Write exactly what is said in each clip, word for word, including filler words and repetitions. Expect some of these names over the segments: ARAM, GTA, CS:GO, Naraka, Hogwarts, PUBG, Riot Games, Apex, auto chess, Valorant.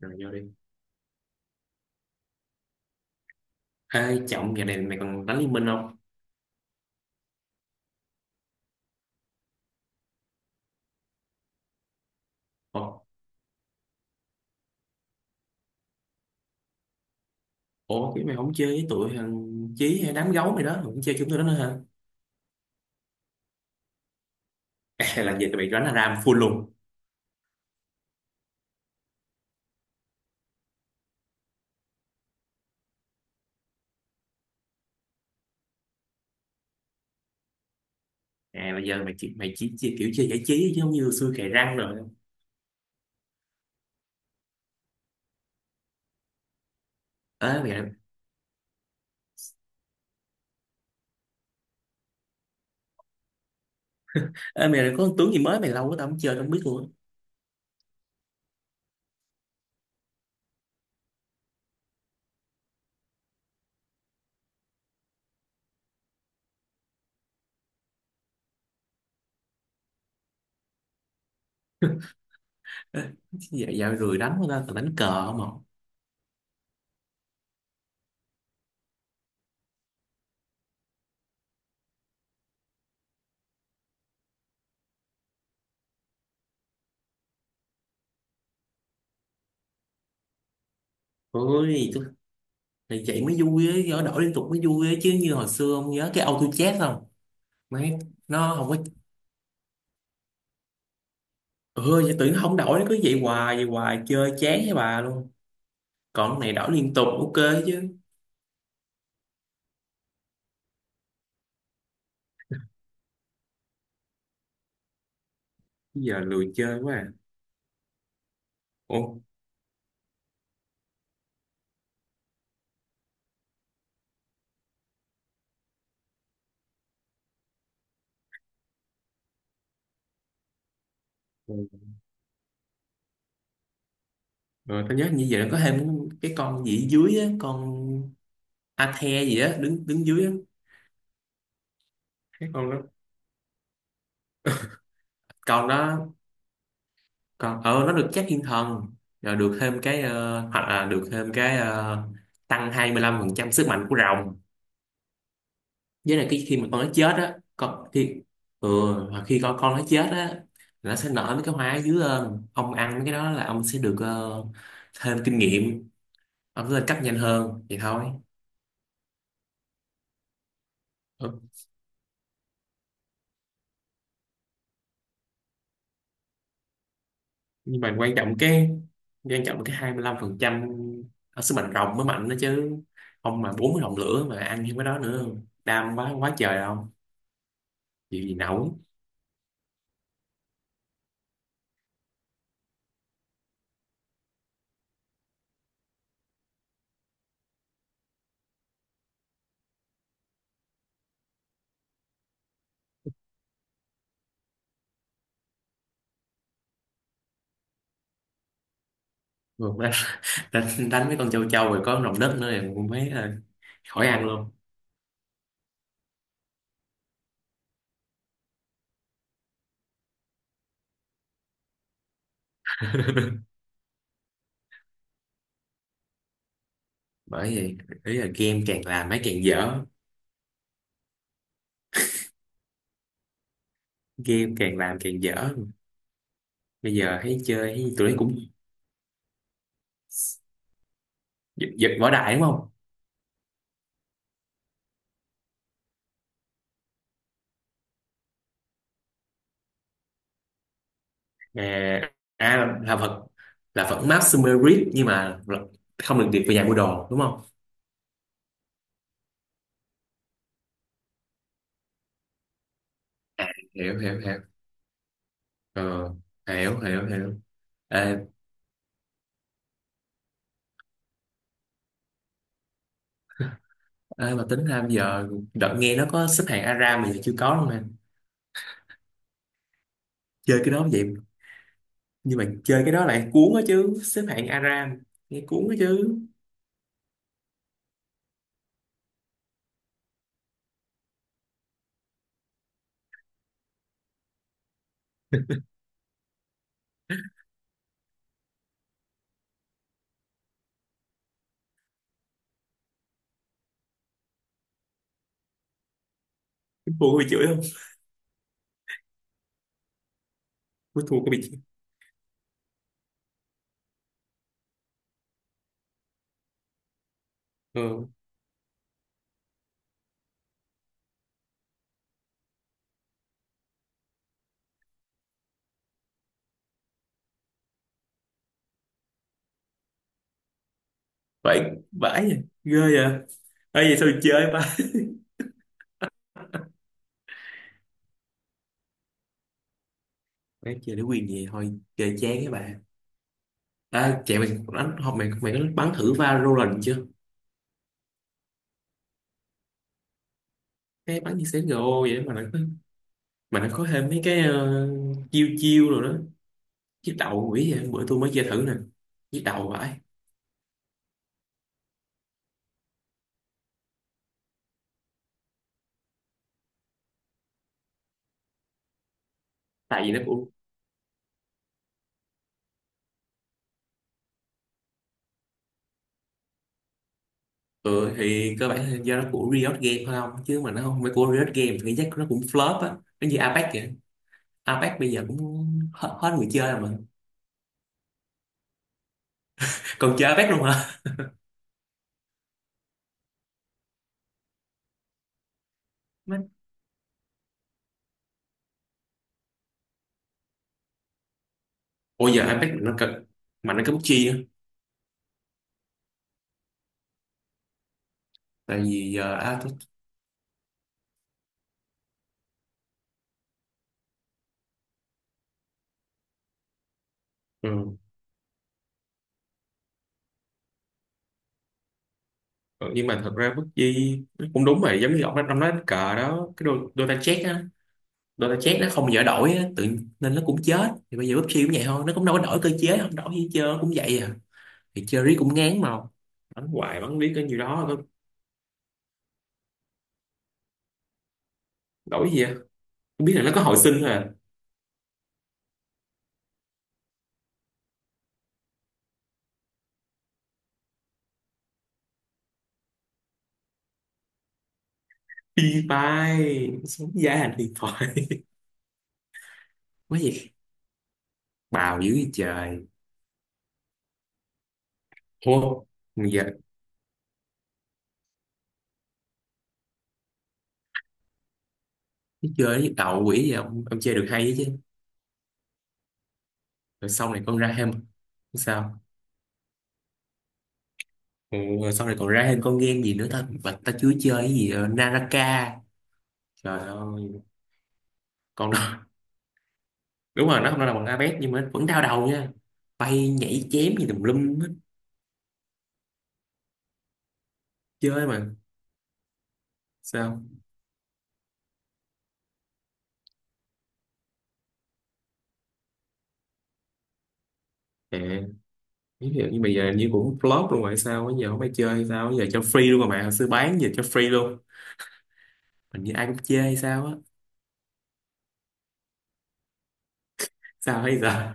Rồi vô đi. Ê Trọng, giờ này mày còn đánh liên minh không? Ủa, ủa cái mày không chơi với tụi thằng Chí hay đám gấu mày đó, mày không chơi chúng tụi đó nữa hả? Ê, là giờ tụi mày đánh a ram full luôn à? Bây giờ mày chỉ mày chỉ, chỉ kiểu chơi giải trí chứ không như xưa cày răng rồi? ê mày Ê mày, có con tướng gì mới mày? Lâu quá tao không chơi, tao không biết luôn. Á. Ê, dạo, dạo rười đánh quá, tao tao đánh cờ không à. Ôi tôi, mày vậy mới vui ấy, đổi đổi liên tục mới vui ấy chứ, như hồi xưa không nhớ cái auto chess không? Mấy nó không có. Ừ, vậy tưởng không đổi nó cứ vậy hoài vậy hoài chơi chán với bà luôn. Còn này đổi liên tục, ok. Chứ. Bây giờ lười chơi quá à. Ủa. Rồi tao nhớ như vậy nó có thêm cái con gì ở dưới á, con a the gì á, đứng đứng dưới á. Cái con đó, con đó, con ờ nó được chắc thiên thần. Rồi được thêm cái ờ, hoặc là được thêm cái ờ, tăng hai mươi lăm phần trăm sức mạnh của rồng. Với lại cái khi mà con nó chết á, con khi, ừ, hoặc khi con con nó chết á, nó sẽ nở mấy cái hoa ở dưới lên, ông ăn mấy cái đó là ông sẽ được ờ, thêm kinh nghiệm, ông sẽ lên cấp nhanh hơn thì thôi. Ừ. Nhưng mà quan trọng cái, quan trọng cái hai mươi lăm phần trăm ở sức mạnh rồng mới mạnh đó chứ. Ông mà bốn mươi rồng lửa mà ăn như cái đó nữa đam quá quá trời không, chịu gì nổi. Rồi đánh, đánh, đánh mấy con châu châu rồi có rồng đất nữa thì cũng thấy là khỏi ăn luôn. Bởi vậy. Ý là game càng làm mấy càng dở, game càng làm càng dở. Bây giờ thấy chơi thấy tụi nó cũng giật, giật võ đại đúng không? À, à là là vật, là vẫn map Sumerit nhưng mà không được điệp về nhà mua đồ đúng không? À, hiểu hiểu hiểu. Ờ, hiểu hiểu hiểu. à, à, mà tính ra bây giờ đợt nghe nó có xếp hạng Aram mà giờ chưa có luôn nè. Chơi cái đó vậy, nhưng mà chơi cái đó lại cuốn á chứ xếp hạng Aram nghe cuốn á chứ. Thua có bị chửi không? Ui, thua có bị chửi. Ừ. Vậy vãi vậy, ghê vậy. Ơi vậy sao chơi ba. Bé chơi để quyền gì thôi, chơi chán các bạn. À, chạy mày. Đánh học mày, mày có bắn thử Valorant chưa? Cái bắn như xê ét:gâu vậy mà nó có, mà nó có thêm mấy cái ờ, chiêu chiêu rồi đó. Chiếc đầu quỷ vậy, bữa tôi mới chơi thử nè. Chiếc đầu vậy. Tại vì nó của, ừ, thì cơ bản là do nó của Riot Games thôi, không chứ mà nó không phải của Riot Games thì chắc nó cũng flop á. Nó như Apex vậy. Apex bây giờ cũng hết, hết người chơi rồi mà. Còn chơi Apex luôn hả? Ủa giờ Apex mà nó cực, mà nó cái bút chi á. Tại vì giờ à, tôi, ừ. Ờ, nhưng mà thật ra bất di nó cũng đúng vậy, giống như ông nói- ông nói đánh cờ đó cái đôi đôi ta chết á, đôi ta chết nó không dở đổi á tự, nên nó cũng chết. Thì bây giờ pê u bê giê cũng vậy thôi, nó cũng đâu có đổi cơ chế, không đổi gì chơi cũng vậy à, thì chơi riết cũng ngán mà. Đánh hoài bắn riết cái nhiêu đó có đổi gì à? Không biết là nó có hồi sinh thôi à. Đi bay sống giá hành điện thoại, quá gì, bào dữ gì trời. Ô giờ cái chơi với đầu quỷ gì ông, ông chơi được hay chứ? Rồi sau này con ra thêm, sao? Ừ, rồi sau này còn ra thêm con game gì nữa ta, và ta chưa chơi cái gì ờ, Naraka. Trời ơi, con đó. Đúng rồi nó không phải là bằng Abet nhưng mà vẫn đau đầu nha. Bay nhảy chém gì tùm lum hết. Chơi mà sao. À, ví dụ như bây giờ như cũng flop luôn rồi, sao bây giờ không phải chơi hay sao bây giờ cho free luôn rồi mà hồi xưa bán, giờ cho free luôn, hình như ai cũng chơi hay sao á. Sao bây giờ.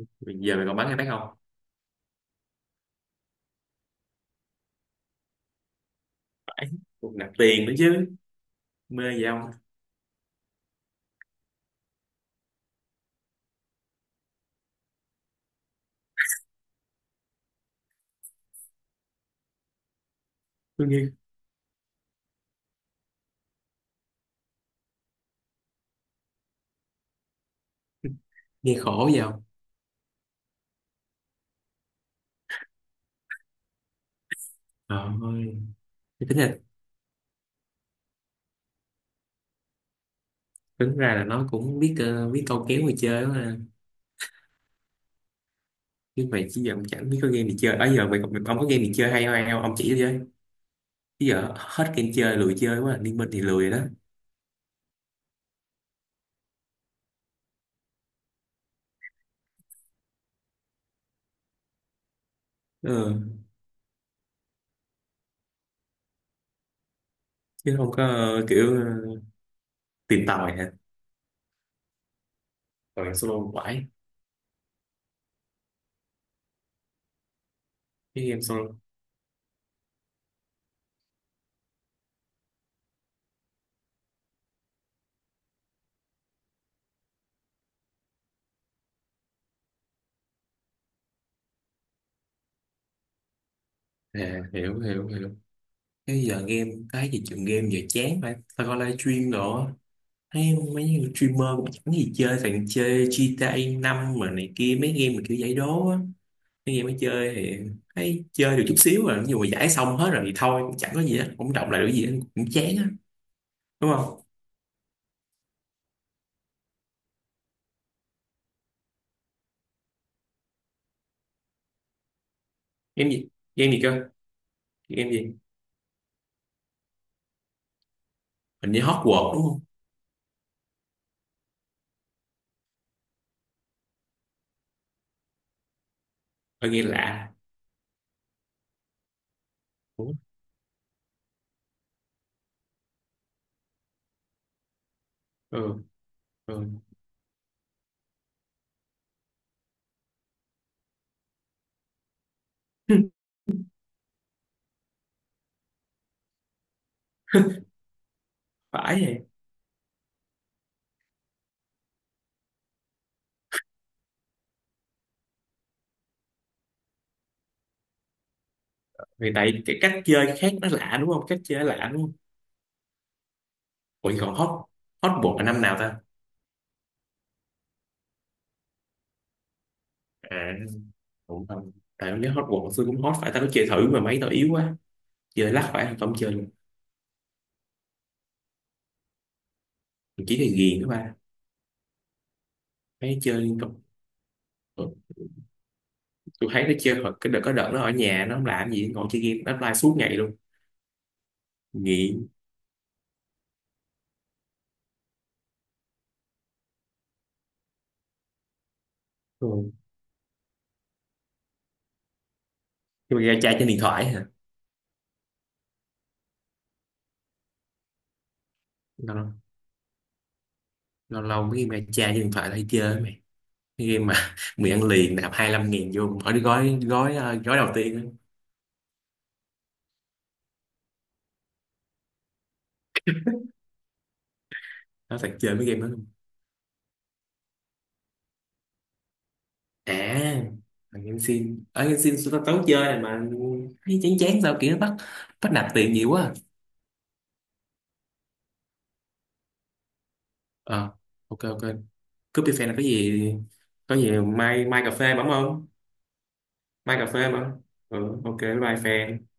Bây giờ mày còn bán hay bán không? Phải cũng nạp tiền nữa chứ. Mê gì không. Tôi nghe, nghe khổ gì không, trời ơi. Thế tính là, tính ra là nó cũng biết ờ, biết câu kéo người chơi đó mà. Chứ mày chỉ giờ cũng chẳng biết có game gì chơi đó giờ mày, mày ông có game gì chơi hay không, hay không ông chỉ cho chứ. Chứ giờ hết game chơi lười chơi quá à. Liên minh thì lười rồi đó. Ừ. Chứ không có ờ, kiểu ờ, tìm tòi hả. Rồi solo quải, cái game solo. À, hiểu hiểu hiểu. Cái giờ game cái gì, chuyện game giờ chán phải, tao coi livestream đồ á. Thấy mấy người streamer cũng chẳng gì chơi, thằng chơi gi ti ây năm mà này kia, mấy game mà kiểu giải đố á. Khi em mới chơi thì thấy chơi được chút xíu rồi, nhưng mà giải xong hết rồi thì thôi, cũng chẳng có gì hết, cũng động lại được gì hết, cũng chán á, đúng không? Game gì? Game gì cơ? Game gì? Hình như Hogwarts đúng không? Ờ, nghe lạ. Ủa? Ừ, ừ. Phải vậy. Vì tại cái cách chơi khác nó lạ đúng không? Cách chơi nó lạ đúng không? Ủa còn Hot, Hotbox là năm nào ta? À, cũng không. Tại em nhớ Hotbox xưa cũng hot, phải tao có chơi thử mà mấy tao yếu quá. Chơi lắc phải không chơi luôn. Mình chỉ là ghiền đó ba. Mấy chơi liên tục. Ừ. Tôi thấy nó chơi hồi- cái đợt có đợt nó ở nhà nó không làm gì ngồi chơi game, nó offline suốt ngày luôn, nghiện. Ừ. Nhưng mà ra trai trên điện thoại hả. Lâu lâu lâu mấy game ra trai trên điện thoại là hay chơi mày. Cái game mà mười ăn liền nạp hai mươi lăm nghìn vô khỏi cái gói gói ờ, gói đầu tiên á. Nó thật chơi mấy game đó luôn. À thằng game xin ở game xin, tao tao chơi này mà thấy chán chán sao kiểu nó bắt, bắt nạp tiền nhiều quá à. Ờ, ok ok. Cướp đi fan là cái gì. Có gì mai mai cà phê bấm không? Mai cà phê bấm. Ừ ok, bye bye fan.